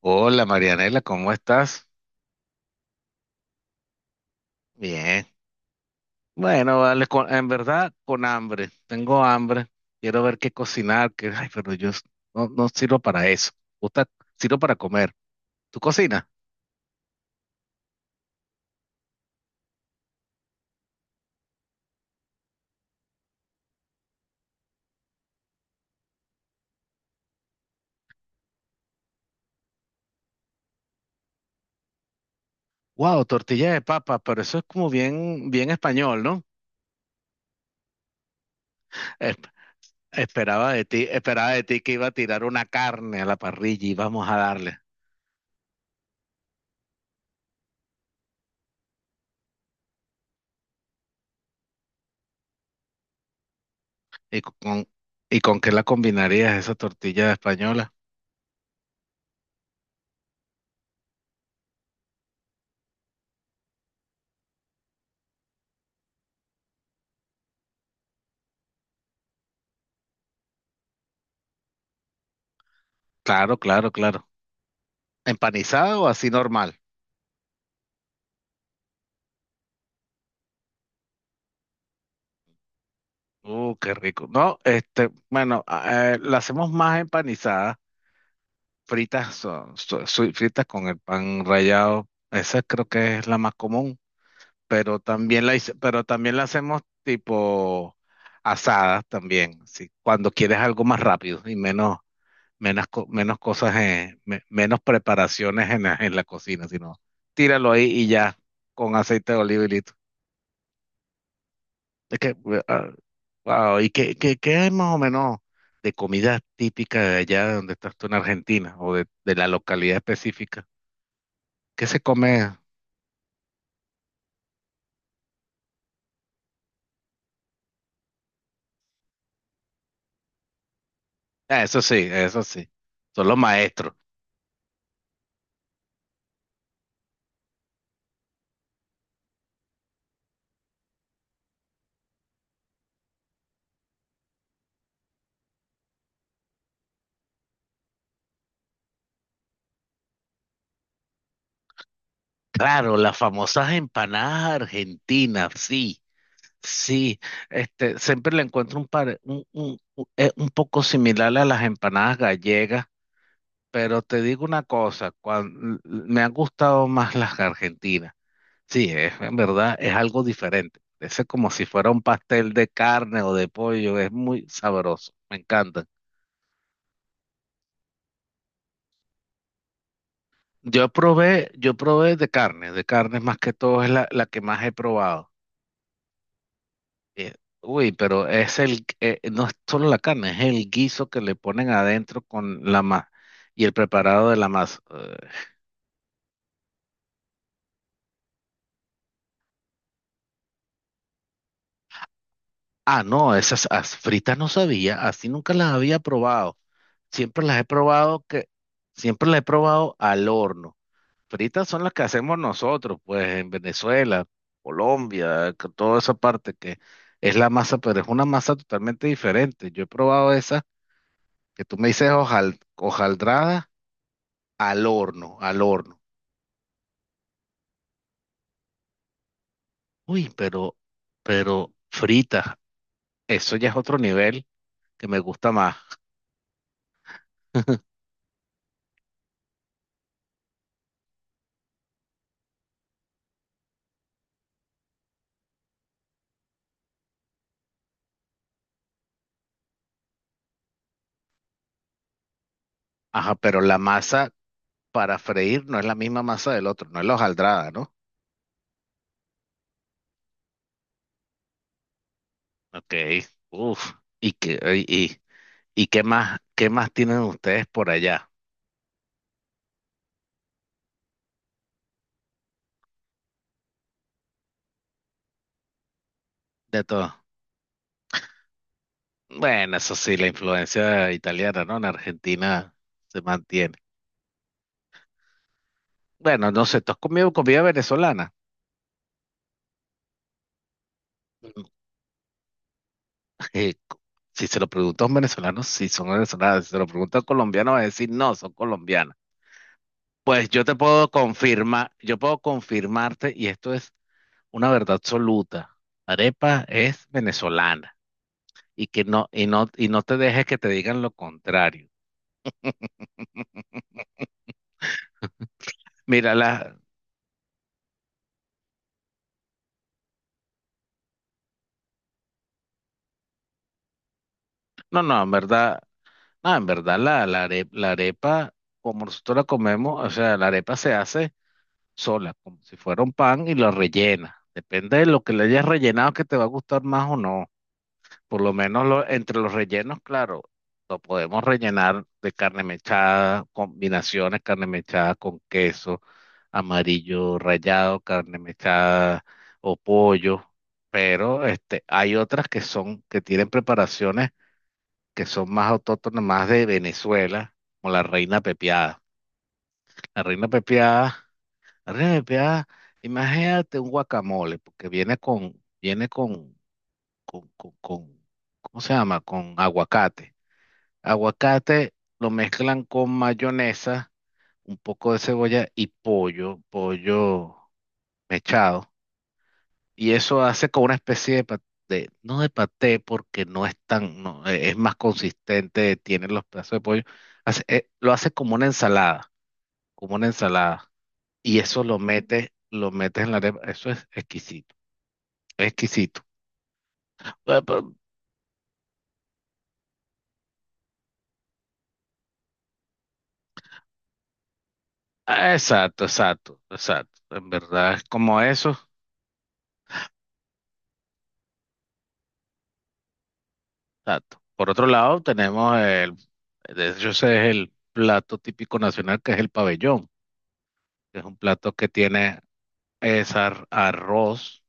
Hola Marianela, ¿cómo estás? Bien. Bueno, vale, en verdad con hambre. Tengo hambre. Quiero ver qué cocinar, que, ay, pero no, no sirvo para eso. Gusta, sirvo para comer. ¿Tú cocinas? Wow, tortilla de papa, pero eso es como bien, bien español, ¿no? Es- esperaba de ti que iba a tirar una carne a la parrilla y vamos a darle. ¿Y con, ¿Y con qué la combinarías esa tortilla española? Claro, claro, claro. ¿Empanizada o así normal? Qué rico. No, este, bueno, la hacemos más empanizada, fritas, fritas con el pan rallado. Esa creo que es la más común, pero también pero también la hacemos tipo asada también, ¿sí? Cuando quieres algo más rápido y menos, menos cosas, menos preparaciones en en la cocina, sino tíralo ahí y ya, con aceite de oliva y listo. Es que, wow, ¿y qué hay más o menos de comida típica de allá de donde estás tú en Argentina o de la localidad específica? ¿Qué se come? Ah, eso sí, son los maestros. Claro, las famosas empanadas argentinas, sí, sí. Este, siempre le encuentro un, par, un poco similar a las empanadas gallegas, pero te digo una cosa, me han gustado más las argentinas. Sí, es, en verdad es algo diferente. Ese es como si fuera un pastel de carne o de pollo, es muy sabroso, me encanta. Yo probé de carne más que todo es la que más he probado. Eh, uy, pero es no es solo la carne, es el guiso que le ponen adentro con la masa y el preparado de la masa. Ah, no, fritas no sabía, así nunca las había probado. Siempre las he probado que, siempre las he probado al horno fritas son las que hacemos nosotros, pues en Venezuela, Colombia, con toda esa parte que es la masa, pero es una masa totalmente diferente. Yo he probado esa que tú me dices hojaldrada al horno, al horno. Uy, pero frita, eso ya es otro nivel que me gusta más. Ajá, pero la masa para freír no es la misma masa del otro, no es la hojaldrada, ¿no? Ok, uf. ¿Y qué, y, y y qué más tienen ustedes por allá? De todo. Bueno, eso sí, la influencia italiana, ¿no? En Argentina se mantiene. Bueno, no sé, ¿tú has comido comida venezolana? Mm, eh, si se lo pregunto a un venezolano, sí son venezolanas. Si se lo pregunto a un colombiano, va a decir, no, son colombianas. Pues yo te puedo confirmar, yo puedo confirmarte, y esto es una verdad absoluta. Arepa es venezolana y que no, y no, y no te dejes que te digan lo contrario. Mira, la, no, no, en verdad. Ah, en verdad, la arepa, como nosotros la comemos, o sea, la arepa se hace sola, como si fuera un pan y la rellena. Depende de lo que le hayas rellenado que te va a gustar más o no. Por lo menos entre los rellenos, claro, lo podemos rellenar de carne mechada, combinaciones, carne mechada con queso, amarillo rallado, carne mechada o pollo. Pero este, hay otras que son, que tienen preparaciones que son más autóctonas, más de Venezuela, como la reina pepiada. La reina pepiada, la reina pepiada, imagínate un guacamole, porque viene con, con, con, con- ¿cómo se llama? Con aguacate. Aguacate lo mezclan con mayonesa, un poco de cebolla y pollo, pollo mechado. Y eso hace como una especie de paté, no de paté porque no es tan, no, es más consistente, tiene los pedazos de pollo, lo hace como una ensalada, como una ensalada. Y eso lo metes en la arepa, eso es exquisito, es exquisito. Pero... ah, exacto, exacto, exacto. En verdad es como eso, exacto. Por otro lado, tenemos el, de hecho ese es el plato típico nacional que es el pabellón, que es un plato que tiene es arroz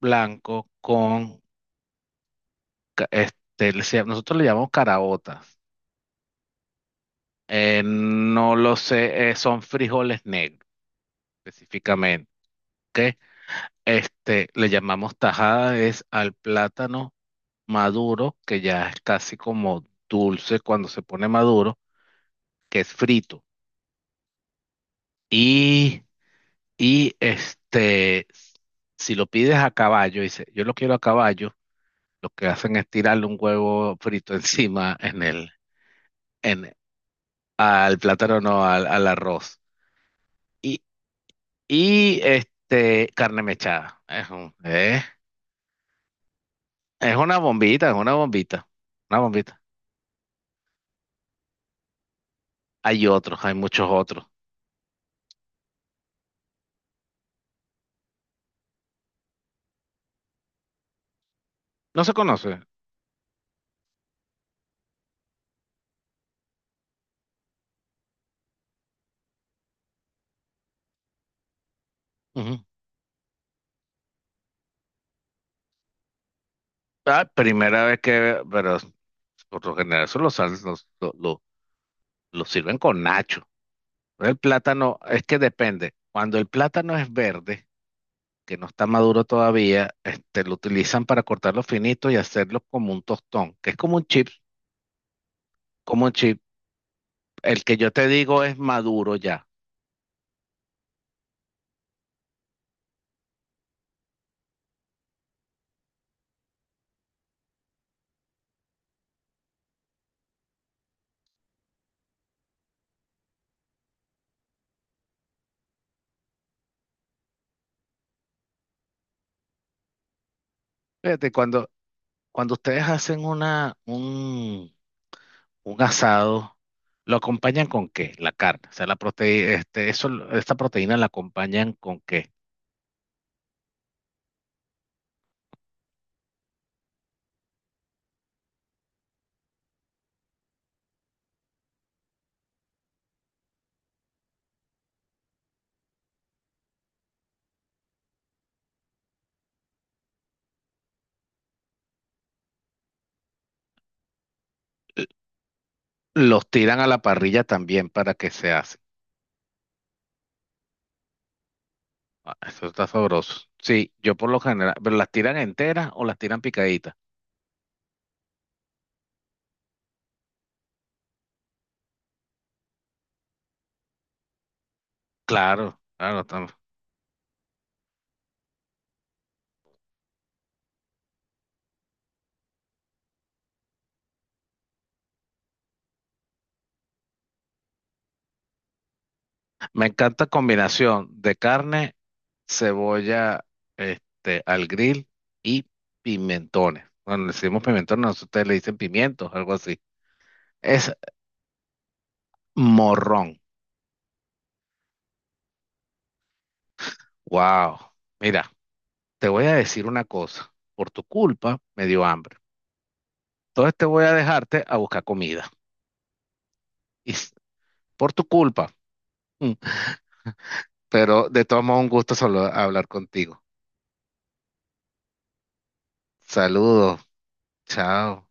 blanco con, nosotros le llamamos caraotas. No lo sé, son frijoles negros específicamente. ¿Ok? Este, le llamamos tajada es al plátano maduro, que ya es casi como dulce cuando se pone maduro, que es frito. Y, y este, si lo pides a caballo, dice, yo lo quiero a caballo, lo que hacen es tirarle un huevo frito encima en el, al plátano, no, al, al arroz. Y, y este, carne mechada. Es una bombita, una bombita. Hay otros, hay muchos otros. No se conoce. Ujú. Ah, primera vez que, pero por lo general eso lo, sal- lo- lo- lo sirven con nacho. El plátano, es que depende. Cuando el plátano es verde, que no está maduro todavía, este, lo utilizan para cortarlo finito y hacerlo como un tostón, que es como un chip, como un chip. El que yo te digo es maduro ya. Fíjate, cuando, cuando ustedes hacen un asado, ¿lo acompañan con qué? La carne. O sea, la proteína, este, eso, esta proteína la acompañan con qué. L- Los tiran a la parrilla también para que se hace. Ah, eso está sabroso. Sí, yo por lo general, pero las tiran enteras o las tiran picaditas. Claro, claro. Me encanta combinación de carne cebolla este, al grill y pimentones. Bueno, le decimos pimentones, nosotros ustedes le dicen pimientos, algo así. Es morrón. Wow. Mira, te voy a decir una cosa. Por tu culpa me dio hambre. Entonces te voy a dejarte a buscar comida. Y s- por tu culpa. Mm. Pero de todos modos, un gusto solo hablar contigo. Saludos. Chao.